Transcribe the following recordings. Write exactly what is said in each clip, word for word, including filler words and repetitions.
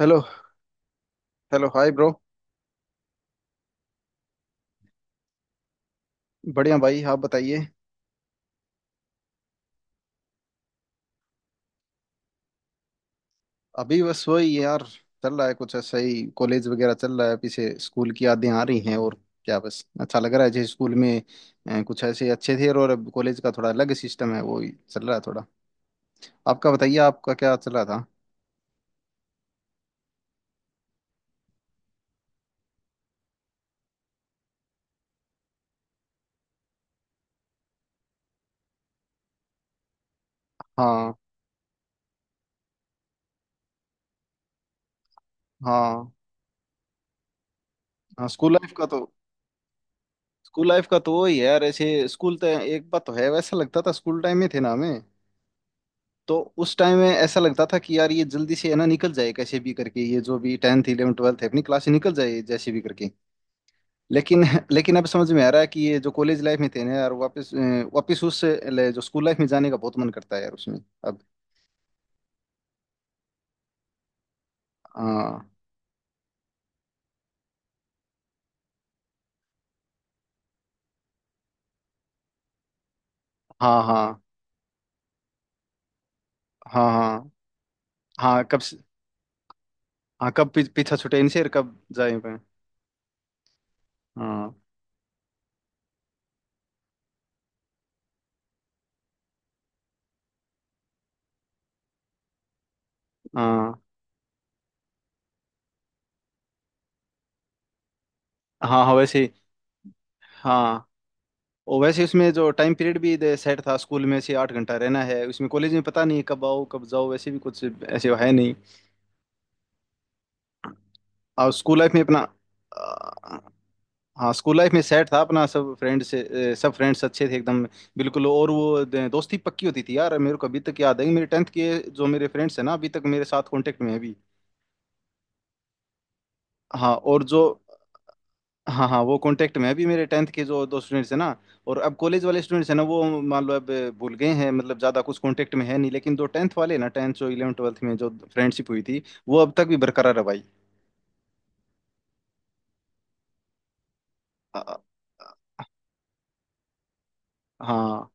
Hello hello hi bro. बढ़िया भाई, आप बताइए। अभी बस वही यार, चल रहा है कुछ ऐसा ही। कॉलेज वगैरह चल रहा है, पीछे स्कूल की यादें आ रही हैं, और क्या, बस अच्छा लग रहा है। जैसे स्कूल में अ, कुछ ऐसे अच्छे थे, और अब कॉलेज का थोड़ा अलग सिस्टम है, वो ही चल रहा है थोड़ा। आपका बताइए, आपका क्या चल रहा था। हाँ। हाँ। हाँ। स्कूल लाइफ का तो स्कूल लाइफ का तो वही है यार। ऐसे स्कूल तो एक बात तो है, वैसा लगता था स्कूल टाइम में थे ना हमें, तो उस टाइम में ऐसा लगता था कि यार ये जल्दी से है ना निकल जाए कैसे भी करके, ये जो भी टेंथ इलेवन ट्वेल्थ है अपनी क्लास से निकल जाए जैसे भी करके। लेकिन लेकिन अब समझ में आ रहा है कि ये जो कॉलेज लाइफ में थे ना यार, वापस अ, वापस उस ले- जो स्कूल लाइफ में जाने का बहुत मन करता है यार उसमें। अब। हाँ। हाँ। हाँ। हाँ। हाँ। हाँ कब से- हाँ, कब पी- पीछा छूटे इनसे और कब जाए पे। हाँ। हाँ। हाँ। हाँ वैसे ही। हाँ, और वैसे उसमें जो टाइम पीरियड भी दे- सेट था स्कूल में, से आठ घंटा रहना है उसमें, कॉलेज में पता नहीं कब आओ कब जाओ, वैसे भी कुछ ऐसे है नहीं। और स्कूल लाइफ में अपना अ, हाँ, स्कूल लाइफ में सेट था अपना सब फ्रेंड से। अ, सब फ्रेंड्स अच्छे थे एकदम, बिल्कुल। और वो द- दोस्ती पक्की होती थी यार, मेरे को अभी तक याद है कि मेरे टेंथ के जो मेरे फ्रेंड्स हैं ना, अभी तक मेरे साथ कांटेक्ट में है अभी। हाँ, और जो, हाँ हाँ, वो कांटेक्ट में है। अभी मेरे टेंथ के जो दो स्टूडेंट्स हैं ना, और अब कॉलेज वाले स्टूडेंट्स हैं ना वो मान लो अब भूल गए हैं, मतलब ज़्यादा कुछ कांटेक्ट में है नहीं, लेकिन जो टेंथ वाले हैं ना, टेंथ जो इलेवन ट्वेल्थ में जो फ्रेंडशिप हुई थी वो अब तक भी बरकरार है भाई। आ, आ, हाँ,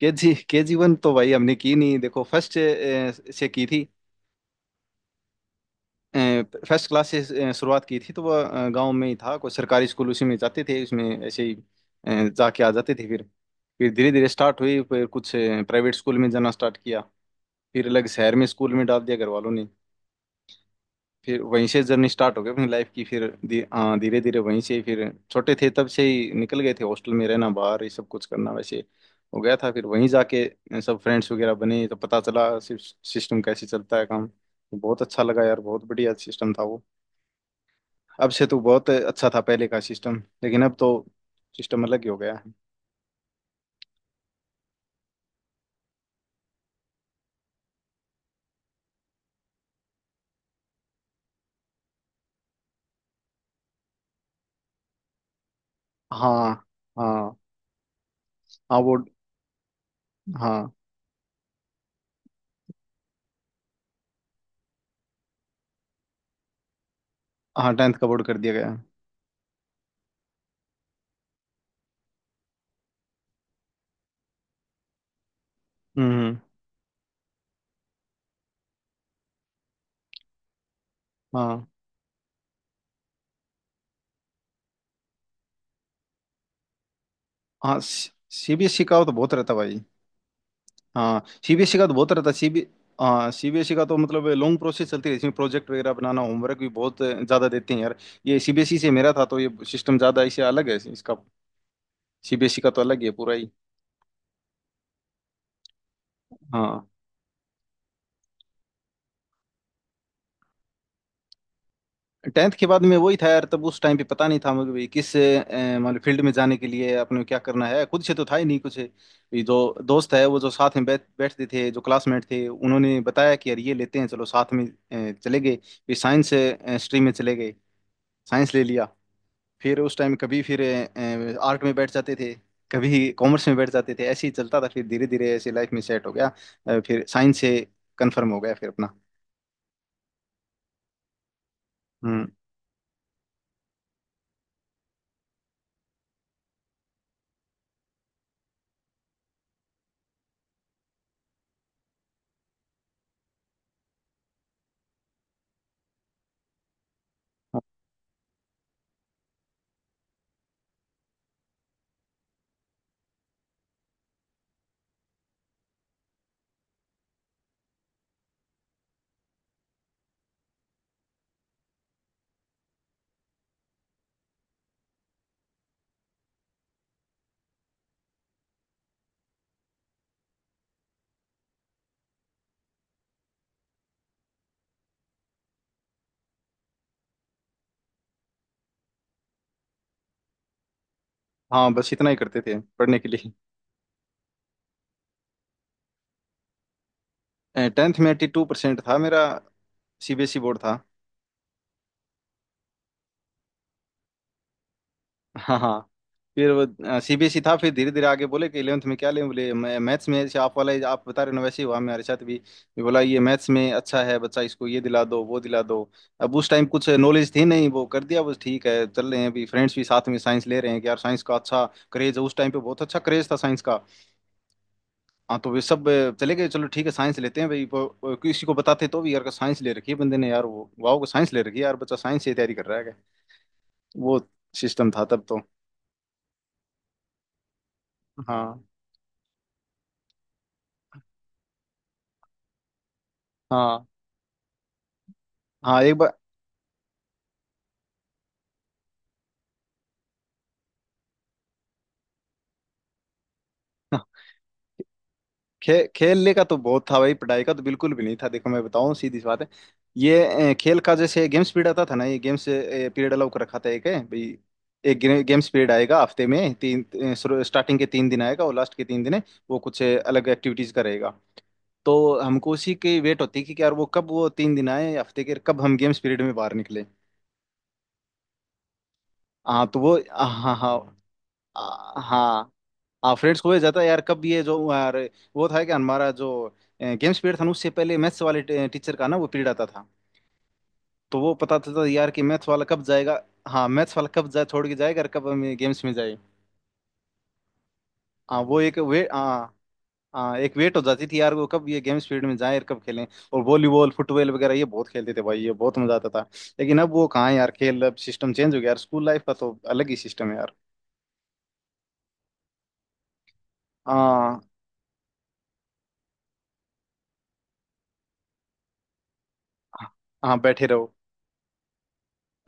के जी, के जी वन तो भाई हमने की नहीं, देखो फर्स्ट से की थी। फर्स्ट क्लास से अ, शुरुआत की थी, तो वो गांव में ही था कोई सरकारी स्कूल, उसी में जाते थे, उसमें ऐसे ही अ, जाके आ जाते थे। फिर फिर धीरे धीरे स्टार्ट हुई, फिर कुछ प्राइवेट स्कूल में जाना स्टार्ट किया, फिर अलग शहर में स्कूल में डाल दिया घर वालों ने, फिर वहीं से जर्नी स्टार्ट हो गई अपनी लाइफ की। फिर धी, हाँ, धीरे धीरे वहीं से, फिर छोटे थे तब से ही निकल गए थे, हॉस्टल में रहना, बाहर ये सब कुछ करना वैसे हो गया था। फिर वहीं जाके सब फ्रेंड्स वगैरह बने, तो पता चला सिस्टम कैसे चलता है काम, तो बहुत अच्छा लगा यार, बहुत बढ़िया सिस्टम था वो। अब से तो बहुत अच्छा था पहले का सिस्टम, लेकिन अब तो सिस्टम अलग ही हो गया है। हाँ। हाँ। हाँ, बोर्ड। हाँ। हाँ, टेंथ का बोर्ड कर दिया गया है। हम्म हम्म। हाँ। हाँ सीबीएसई का तो बहुत रहता भाई। हाँ सीबीएसई का तो बहुत रहता सीबी हाँ सीबीएसई का तो मतलब लॉन्ग प्रोसेस चलती रहती है इसमें, प्रोजेक्ट वगैरह बनाना, होमवर्क भी बहुत ज़्यादा देते हैं यार। ये सीबीएसई से मेरा था तो ये सिस्टम ज़्यादा इससे अलग है इसका। सीबीएसई का तो अलग ही है पूरा ही। हाँ। टेंथ के बाद में वही था यार, तब उस टाइम पे पता नहीं था मुझे भी किस अ, मतलब फील्ड में जाने के लिए अपने को क्या करना है। खुद से तो था ही नहीं कुछ, ये जो दोस्त है वो जो साथ में बैठ बैठते थे, जो क्लासमेट थे उन्होंने बताया कि यार ये लेते हैं चलो साथ में, अ, चले गए। फिर साइंस स्ट्रीम में चले गए, साइंस ले लिया। फिर उस टाइम कभी फिर आर्ट में बैठ जाते थे, कभी कॉमर्स में बैठ जाते थे, ऐसे ही चलता था, फिर धीरे धीरे ऐसे लाइफ में सेट हो गया। अ, फिर साइंस से कन्फर्म हो गया फिर अपना। हम्म। हाँ, बस इतना ही करते थे पढ़ने के लिए। टेंथ में एट्टी टू परसेंट था मेरा, सीबीएसई बोर्ड था। हाँ। हाँ। फिर वो सीबीएसई था, फिर धीरे धीरे आगे बोले कि ग्यारहवीं में क्या लें, बोले मैं मैथ्स में, जैसे आप वाला आप बता रहे हो ना वैसे ही हुआ मेरे साथ भी, ये बोला ये मैथ्स में अच्छा है बच्चा, इसको ये दिला दो वो दिला दो। अब उस टाइम कुछ नॉलेज थी नहीं, वो कर दिया बस, ठीक है चल रहे हैं, अभी फ्रेंड्स भी साथ में साइंस ले रहे हैं कि यार साइंस का अच्छा क्रेज है, उस टाइम पे बहुत अच्छा क्रेज था साइंस का। हाँ, तो वे सब अ, चले गए, चलो ठीक है साइंस लेते हैं भाई। वो- वो किसी को बताते तो भी यार साइंस ले रखी है बंदे ने, यार वो वाओ साइंस ले रखी है यार, बच्चा साइंस से तैयारी कर रहा है, वो सिस्टम था तब तो। हाँ। हाँ। हाँ, एक बार। हाँ। खे, खेलने का तो बहुत था भाई, पढ़ाई का तो बिल्कुल भी नहीं था। देखो मैं बताऊं, सीधी सी बात है, ये अ, खेल का जैसे गेम्स पीरियड आता था ना, ये गेम्स पीरियड अलाउ कर रखा था एक है भाई। एक गेम्स पीरियड आएगा हफ्ते में तीन, स्टार्टिंग के तीन दिन आएगा और लास्ट के तीन दिन है, वो कुछ अ, अलग एक्टिविटीज का रहेगा। तो हमको उसी की वेट होती है कि यार वो कब, वो तीन दिन आए हफ्ते के, कब हम गेम्स पीरियड में बाहर निकले। हाँ तो वो। हाँ। हाँ। हाँ। हाँ हाँ फ्रेंड्स को जाता है यार कब ये जो, अरे, वो था क्या हमारा जो गेम्स पीरियड था ना, उससे पहले मैथ्स वाले टीचर का ना वो पीरियड आता था, तो वो पता चलता था यार कि मैथ्स वाला कब जाएगा। हाँ, मैथ्स वाला कब जा छोड़ के जाएगा और कब हम गेम्स में जाए। हाँ वो एक वे। हाँ। हाँ, एक वेट हो जाती थी यार वो कब ये गेम्स पीरियड में जाए और कब खेलें। और वॉलीबॉल फुटबॉल वगैरह ये बहुत खेलते थे भाई, ये बहुत मजा आता था। लेकिन अब वो कहाँ है यार खेल, अब सिस्टम चेंज हो गया यार, स्कूल लाइफ का तो अलग ही सिस्टम है यार। हाँ। हाँ बैठे रहो।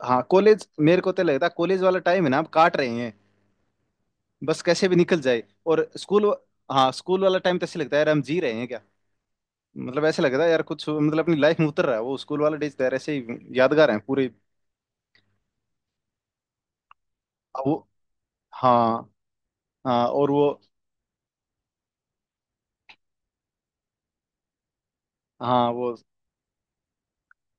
हाँ, कॉलेज मेरे को तो लगता है कॉलेज वाला टाइम है ना आप काट रहे हैं बस कैसे भी निकल जाए, और स्कूल, हाँ स्कूल वाला टाइम तो ऐसे लगता है यार हम जी रहे हैं क्या, मतलब ऐसे लगता है यार कुछ, मतलब अपनी लाइफ में उतर रहा है वो, स्कूल वाला डेज तो यार ऐसे ही यादगार है पूरे। अब वो। हाँ। हाँ, और वो। हाँ वो।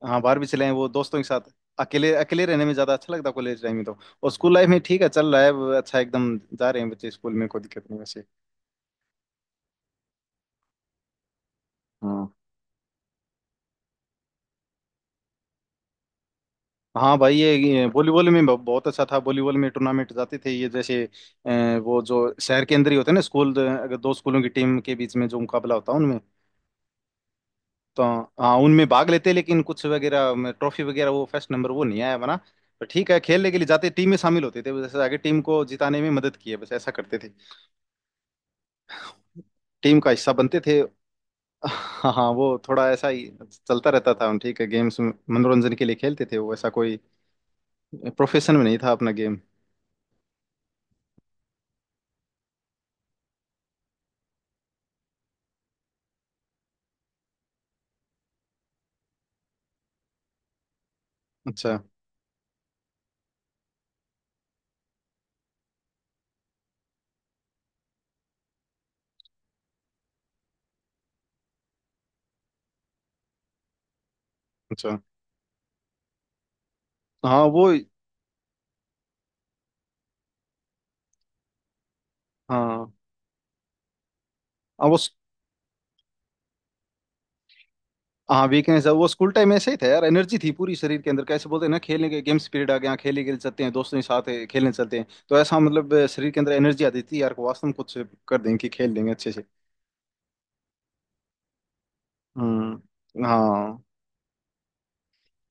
हाँ, बाहर भी चले हैं वो दोस्तों के साथ, अकेले, अकेले रहने में ज्यादा अच्छा लगता है कॉलेज टाइम में तो। और स्कूल लाइफ में ठीक है चल रहा है, अच्छा एकदम जा रहे हैं बच्चे स्कूल में, कोई दिक्कत नहीं वैसे। हाँ। हाँ भाई ये ये वॉलीबॉल में ब- बहुत अच्छा था, वॉलीबॉल में टूर्नामेंट जाते थे। ये जैसे अ, वो जो शहर के अंदर ही होते हैं ना स्कूल, अगर दो स्कूलों की टीम के बीच में जो मुकाबला होता है उनमें, तो। हाँ, उनमें भाग लेते, लेकिन कुछ वगैरह ट्रॉफी वगैरह वो फर्स्ट नंबर वो नहीं आया हमारा, पर ठीक है, खेलने के लिए जाते, टीम में शामिल होते थे, जैसे आगे टीम को जिताने में मदद की है, बस ऐसा करते थे, टीम का हिस्सा बनते थे। हाँ हाँ, वो थोड़ा ऐसा ही चलता रहता था, ठीक है, गेम्स मनोरंजन के लिए खेलते थे, वो ऐसा कोई प्रोफेशन में नहीं था अपना गेम। अच्छा अच्छा। हाँ वो। हाँ। हाँ वो। हाँ वीकनेस है वो, स्कूल टाइम ऐसे ही था यार, एनर्जी थी पूरी शरीर के अंदर, कैसे बोलते हैं ना, खेलने के गेम्स पीरियड आ गया, हाँ, खेलने, खेल सकते हैं दोस्तों के साथ है, खेलने चलते हैं, तो ऐसा मतलब अ, शरीर के अंदर एनर्जी आती थी यार, को वास्तव में कुछ कर देंगे कि खेल देंगे अच्छे से। हम्म। हाँ,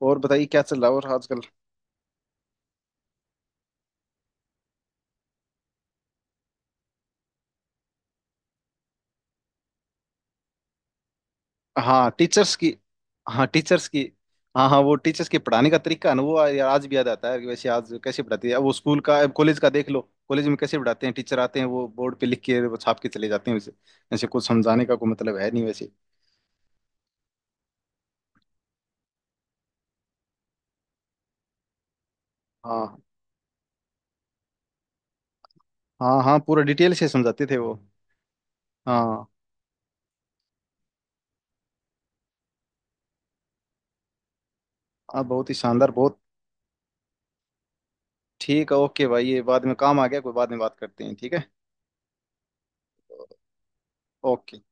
और बताइए क्या चल रहा है और आजकल। हाँ टीचर्स की। हाँ टीचर्स की। हाँ हाँ, वो टीचर्स के पढ़ाने का तरीका है ना, वो यार आज भी याद आता है कि वैसे आज कैसे पढ़ाती है, अब वो स्कूल का, अब कॉलेज का देख लो, कॉलेज में कैसे पढ़ाते हैं टीचर आते हैं वो बोर्ड पे लिख के वो छाप के चले जाते हैं वैसे, ऐसे कुछ समझाने का कोई मतलब है नहीं वैसे। हाँ। हाँ हाँ, पूरा डिटेल से समझाते थे वो। हाँ। हाँ बहुत ही शानदार, बहुत। ठीक है, ओके भाई, ये बाद में काम आ गया, कोई बाद में बात करते हैं, ठीक है। ओके।